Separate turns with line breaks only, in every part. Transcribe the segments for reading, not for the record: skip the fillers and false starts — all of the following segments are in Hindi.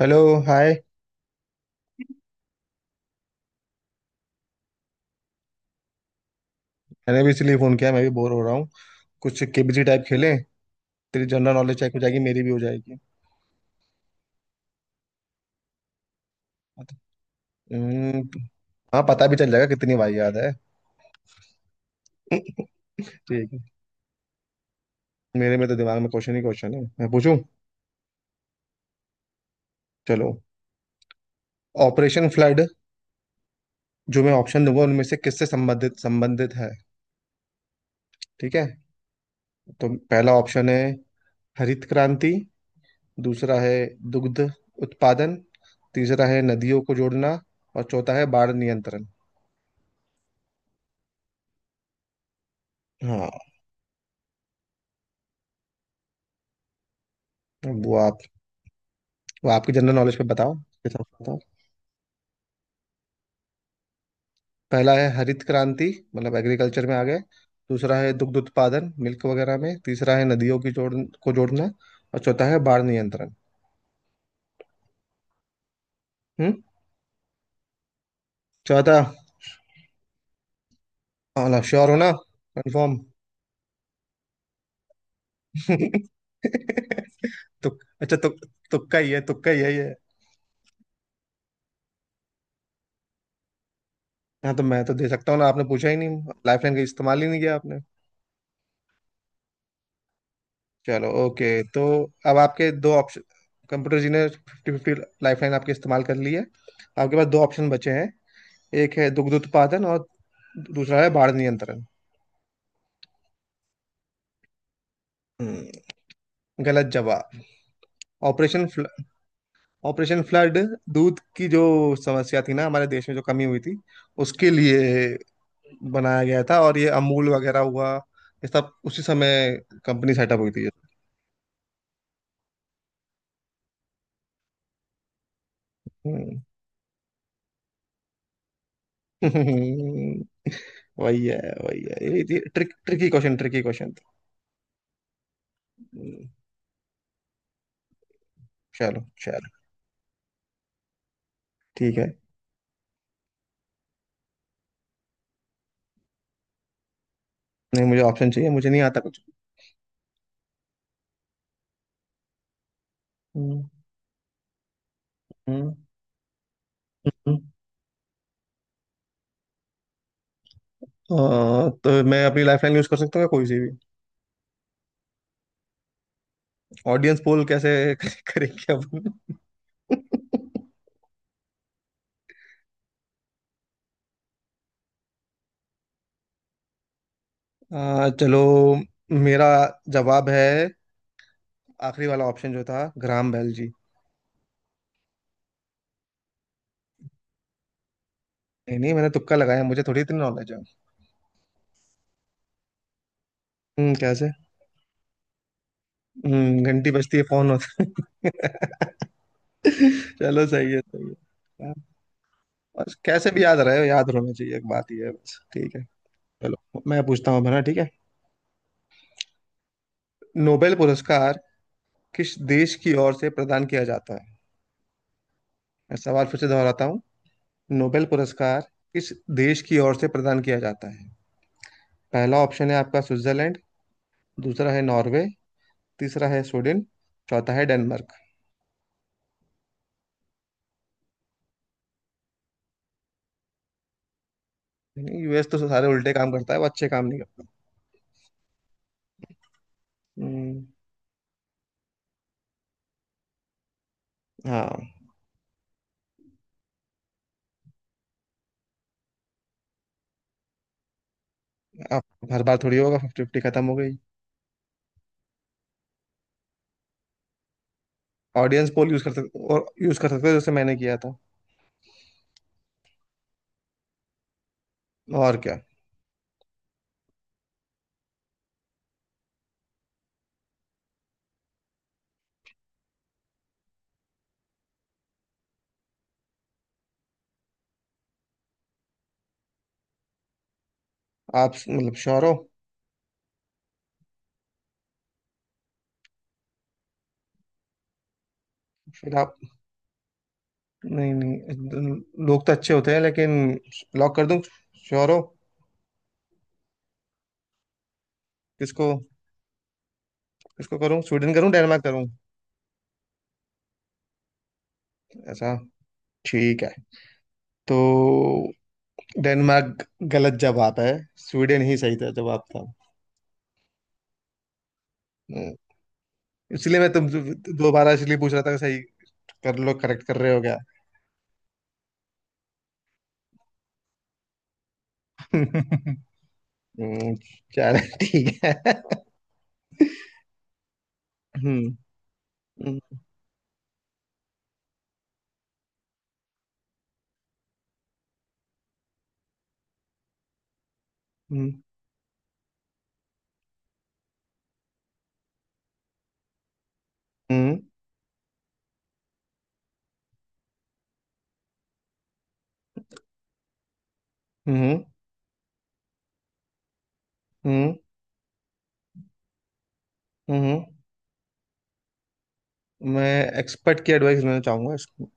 हेलो। हाय। मैंने भी इसलिए फ़ोन किया, मैं भी बोर हो रहा हूँ। कुछ केबीसी टाइप खेलें। तेरी जनरल नॉलेज चेक हो जाएगी, मेरी भी हो जाएगी। हम्म, हाँ, पता भी चल जाएगा कितनी बार याद है। ठीक है। मेरे में तो दिमाग में क्वेश्चन ही क्वेश्चन है, मैं पूछूं। चलो। ऑपरेशन फ्लड, जो मैं ऑप्शन दूंगा उनमें से किससे संबंधित संबंधित है। ठीक है, तो पहला ऑप्शन है हरित क्रांति। दूसरा है दुग्ध उत्पादन। तीसरा है नदियों को जोड़ना। और चौथा है बाढ़ नियंत्रण। हाँ, अब वो आपकी जनरल नॉलेज पे बताओ, इसके साथ बताओ। पहला है हरित क्रांति, मतलब एग्रीकल्चर में आ गए। दूसरा है दुग्ध उत्पादन, मिल्क वगैरह में। तीसरा है नदियों की जोड़ को जोड़ना। और चौथा है बाढ़ नियंत्रण। हम्म। चौथा। मतलब श्योर हो ना? कंफर्म। तो, अच्छा तो, तुक्का ही है, तुक्का ही है ये। हाँ, तो मैं तो दे सकता हूँ ना, आपने पूछा ही नहीं। लाइफलाइन का इस्तेमाल ही नहीं किया आपने। चलो, ओके। तो अब आपके दो ऑप्शन। कंप्यूटर जी ने फिफ्टी फिफ्टी लाइफलाइन आपके इस्तेमाल कर ली है। आपके पास दो ऑप्शन बचे हैं। एक है दुग्ध उत्पादन, और दूसरा है बाढ़ नियंत्रण। हम्म, गलत जवाब। ऑपरेशन फ्ल, ऑपरेशन फ्लड। दूध की जो समस्या थी ना हमारे देश में, जो कमी हुई थी उसके लिए बनाया गया था, और ये अमूल वगैरह हुआ ये सब उसी समय कंपनी सेटअप हुई थी ये। हम्म। वही है, वही है, ये ट्रिकी क्वेश्चन, ट्रिकी क्वेश्चन था। हम्म, चलो चलो। ठीक है। नहीं, मुझे ऑप्शन चाहिए, मुझे नहीं आता कुछ। हम्म। हम्म। हम्म। हाँ, तो मैं अपनी लाइफलाइन यूज कर सकता हूँ या कोई सी भी? ऑडियंस पोल कैसे करेंगे अपन? चलो। मेरा जवाब है आखिरी वाला ऑप्शन जो था, ग्राम बेल जी। नहीं नहीं, मैंने तुक्का लगाया, मुझे थोड़ी इतनी नॉलेज है। हम्म, कैसे? घंटी बजती है, फोन होता है। चलो, सही है, सही है। हाँ, बस कैसे भी याद रहे, याद रहना चाहिए, एक बात ये है बस। ठीक है। चलो, मैं पूछता हूँ अब, है ना? ठीक है। नोबेल पुरस्कार किस देश की ओर से प्रदान किया जाता है? मैं सवाल फिर से दोहराता हूँ। नोबेल पुरस्कार किस देश की ओर से प्रदान किया जाता है? पहला ऑप्शन है आपका स्विट्जरलैंड। दूसरा है नॉर्वे। तीसरा है स्वीडन। चौथा है डेनमार्क। यूएस तो सारे उल्टे काम करता है, वो अच्छे काम नहीं करता। हम्म, हाँ। आप, हर बार थोड़ी होगा फिफ्टी फिफ्टी, खत्म हो गई। ऑडियंस पोल यूज कर सकते, और यूज कर सकते हो जैसे मैंने किया था। और क्या। आप मतलब श्योर हो? फिर आप। नहीं नहीं, लोग तो अच्छे होते हैं लेकिन। लॉक कर दूं? श्योर हो? किसको, किसको करूं? स्वीडन करूं? डेनमार्क करूं? ऐसा, ठीक है। तो डेनमार्क गलत जवाब है। स्वीडन ही सही था, जवाब था। हम्म, इसलिए मैं तुम दोबारा इसलिए पूछ रहा था कि सही कर लो, करेक्ट कर रहे हो क्या। हम्म, चलो ठीक है। हम्म। हम्म। हम्म। हम्म। हम्म। हम्म। हम्म। मैं एक्सपर्ट की एडवाइस लेना चाहूंगा इसको।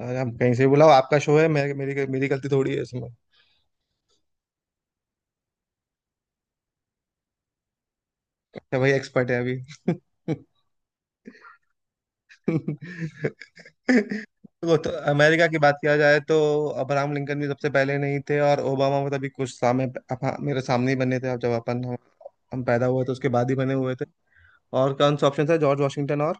अगर आप कहीं से बुलाओ, आपका शो है, मैं मेरी मेरी गलती थोड़ी है इसमें। तो भाई एक्सपर्ट है अभी। वो तो, अमेरिका की बात किया जाए तो, अब्राहम लिंकन भी सबसे पहले नहीं थे, और ओबामा मतलब अभी कुछ सामने, मेरे सामने ही बने थे। अब जब अपन हम पैदा हुए थे उसके बाद ही बने हुए थे। और कौन सा ऑप्शन था, जॉर्ज वाशिंगटन और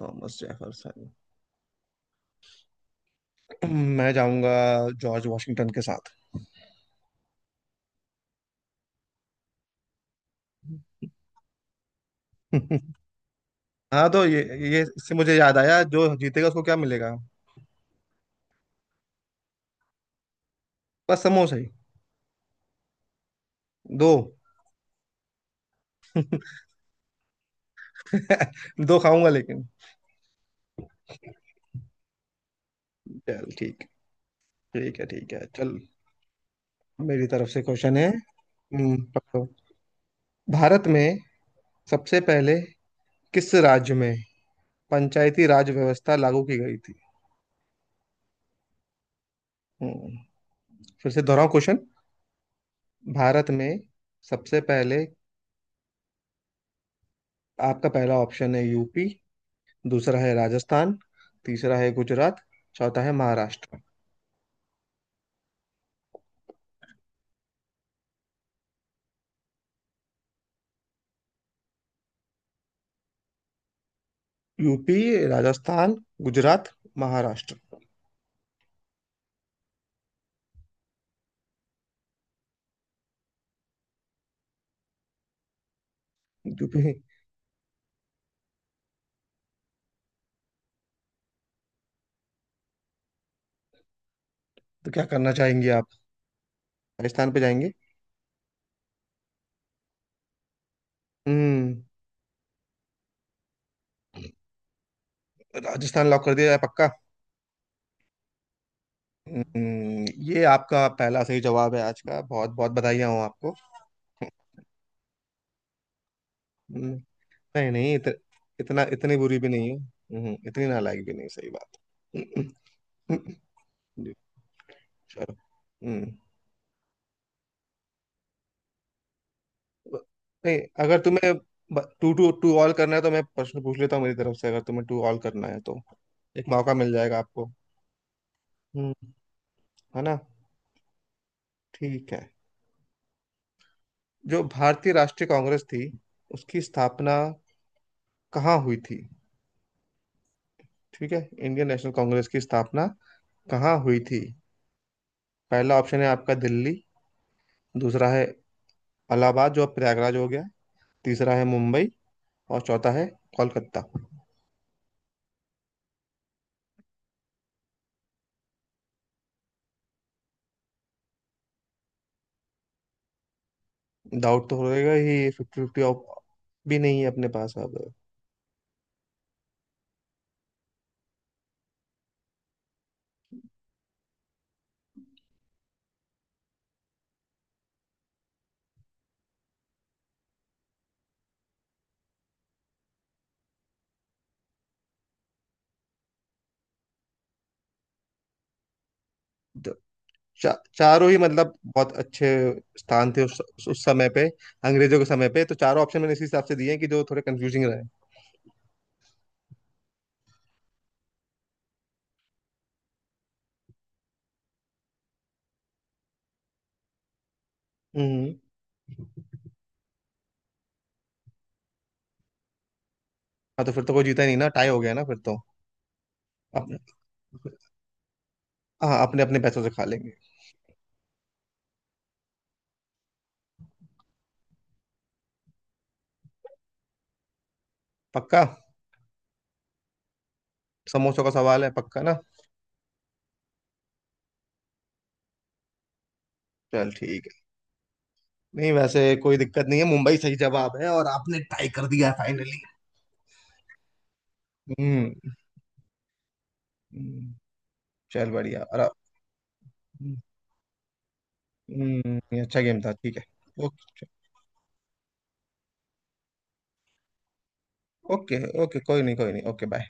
थॉमस जेफरसन। मैं जाऊंगा जॉर्ज वाशिंगटन के साथ। हाँ, तो ये इससे मुझे याद आया, जो जीतेगा उसको क्या मिलेगा? बस समोसा ही दो? दो खाऊंगा लेकिन। चल ठीक, ठीक है। ठीक है चल। मेरी तरफ से क्वेश्चन है। पकड़ो। भारत में सबसे पहले किस राज्य में पंचायती राज व्यवस्था लागू की गई थी? हम्म, फिर से दोहराओ क्वेश्चन। भारत में सबसे पहले। आपका पहला ऑप्शन है यूपी। दूसरा है राजस्थान। तीसरा है गुजरात। चौथा है महाराष्ट्र। यूपी, राजस्थान, गुजरात, महाराष्ट्र। यूपी। तो क्या करना चाहेंगे आप? राजस्थान पे जाएंगे? हम्म। राजस्थान लॉक कर दिया जाए? पक्का? हम्म, ये आपका पहला सही जवाब है आज का, बहुत बहुत बधाइयाँ हो आपको। हम्म, नहीं नहीं, इतना, इतनी बुरी भी नहीं है। इतनी नालायक भी नहीं, सही बात। हम्म। जी। चलो। हम्म। नहीं, अगर तुम्हें टू टू टू ऑल करना है तो मैं प्रश्न पूछ लेता हूँ मेरी तरफ से, अगर तुम्हें टू ऑल करना है तो। एक मौका मिल जाएगा आपको। हम्म, है ना? ठीक है। जो भारतीय राष्ट्रीय कांग्रेस थी, उसकी स्थापना कहाँ हुई थी? ठीक है, इंडियन नेशनल कांग्रेस की स्थापना कहाँ हुई थी? पहला ऑप्शन है आपका दिल्ली। दूसरा है इलाहाबाद जो अब प्रयागराज हो गया। तीसरा है मुंबई। और चौथा है कोलकाता। डाउट तो होएगा ही, फिफ्टी फिफ्टी भी नहीं है अपने पास अब। द- चारों ही मतलब बहुत अच्छे स्थान थे उस समय पे, अंग्रेजों के समय पे, तो चारों ऑप्शन मैंने इसी हिसाब से दिए हैं कि जो थोड़े कंफ्यूजिंग रहे। हम्म। हाँ, तो फिर तो कोई जीता ही नहीं ना, टाई हो गया ना फिर तो। अपने हाँ, अपने अपने पैसों से खा लेंगे। पक्का? समोसों का सवाल है, पक्का ना? चल ठीक है। नहीं, वैसे कोई दिक्कत नहीं है, मुंबई सही जवाब है, और आपने ट्राई कर दिया है फाइनली। हम्म। हम्म, चल बढ़िया और। ये अच्छा गेम था, ठीक है। ओके। ओके ओके, कोई नहीं कोई नहीं, ओके बाय।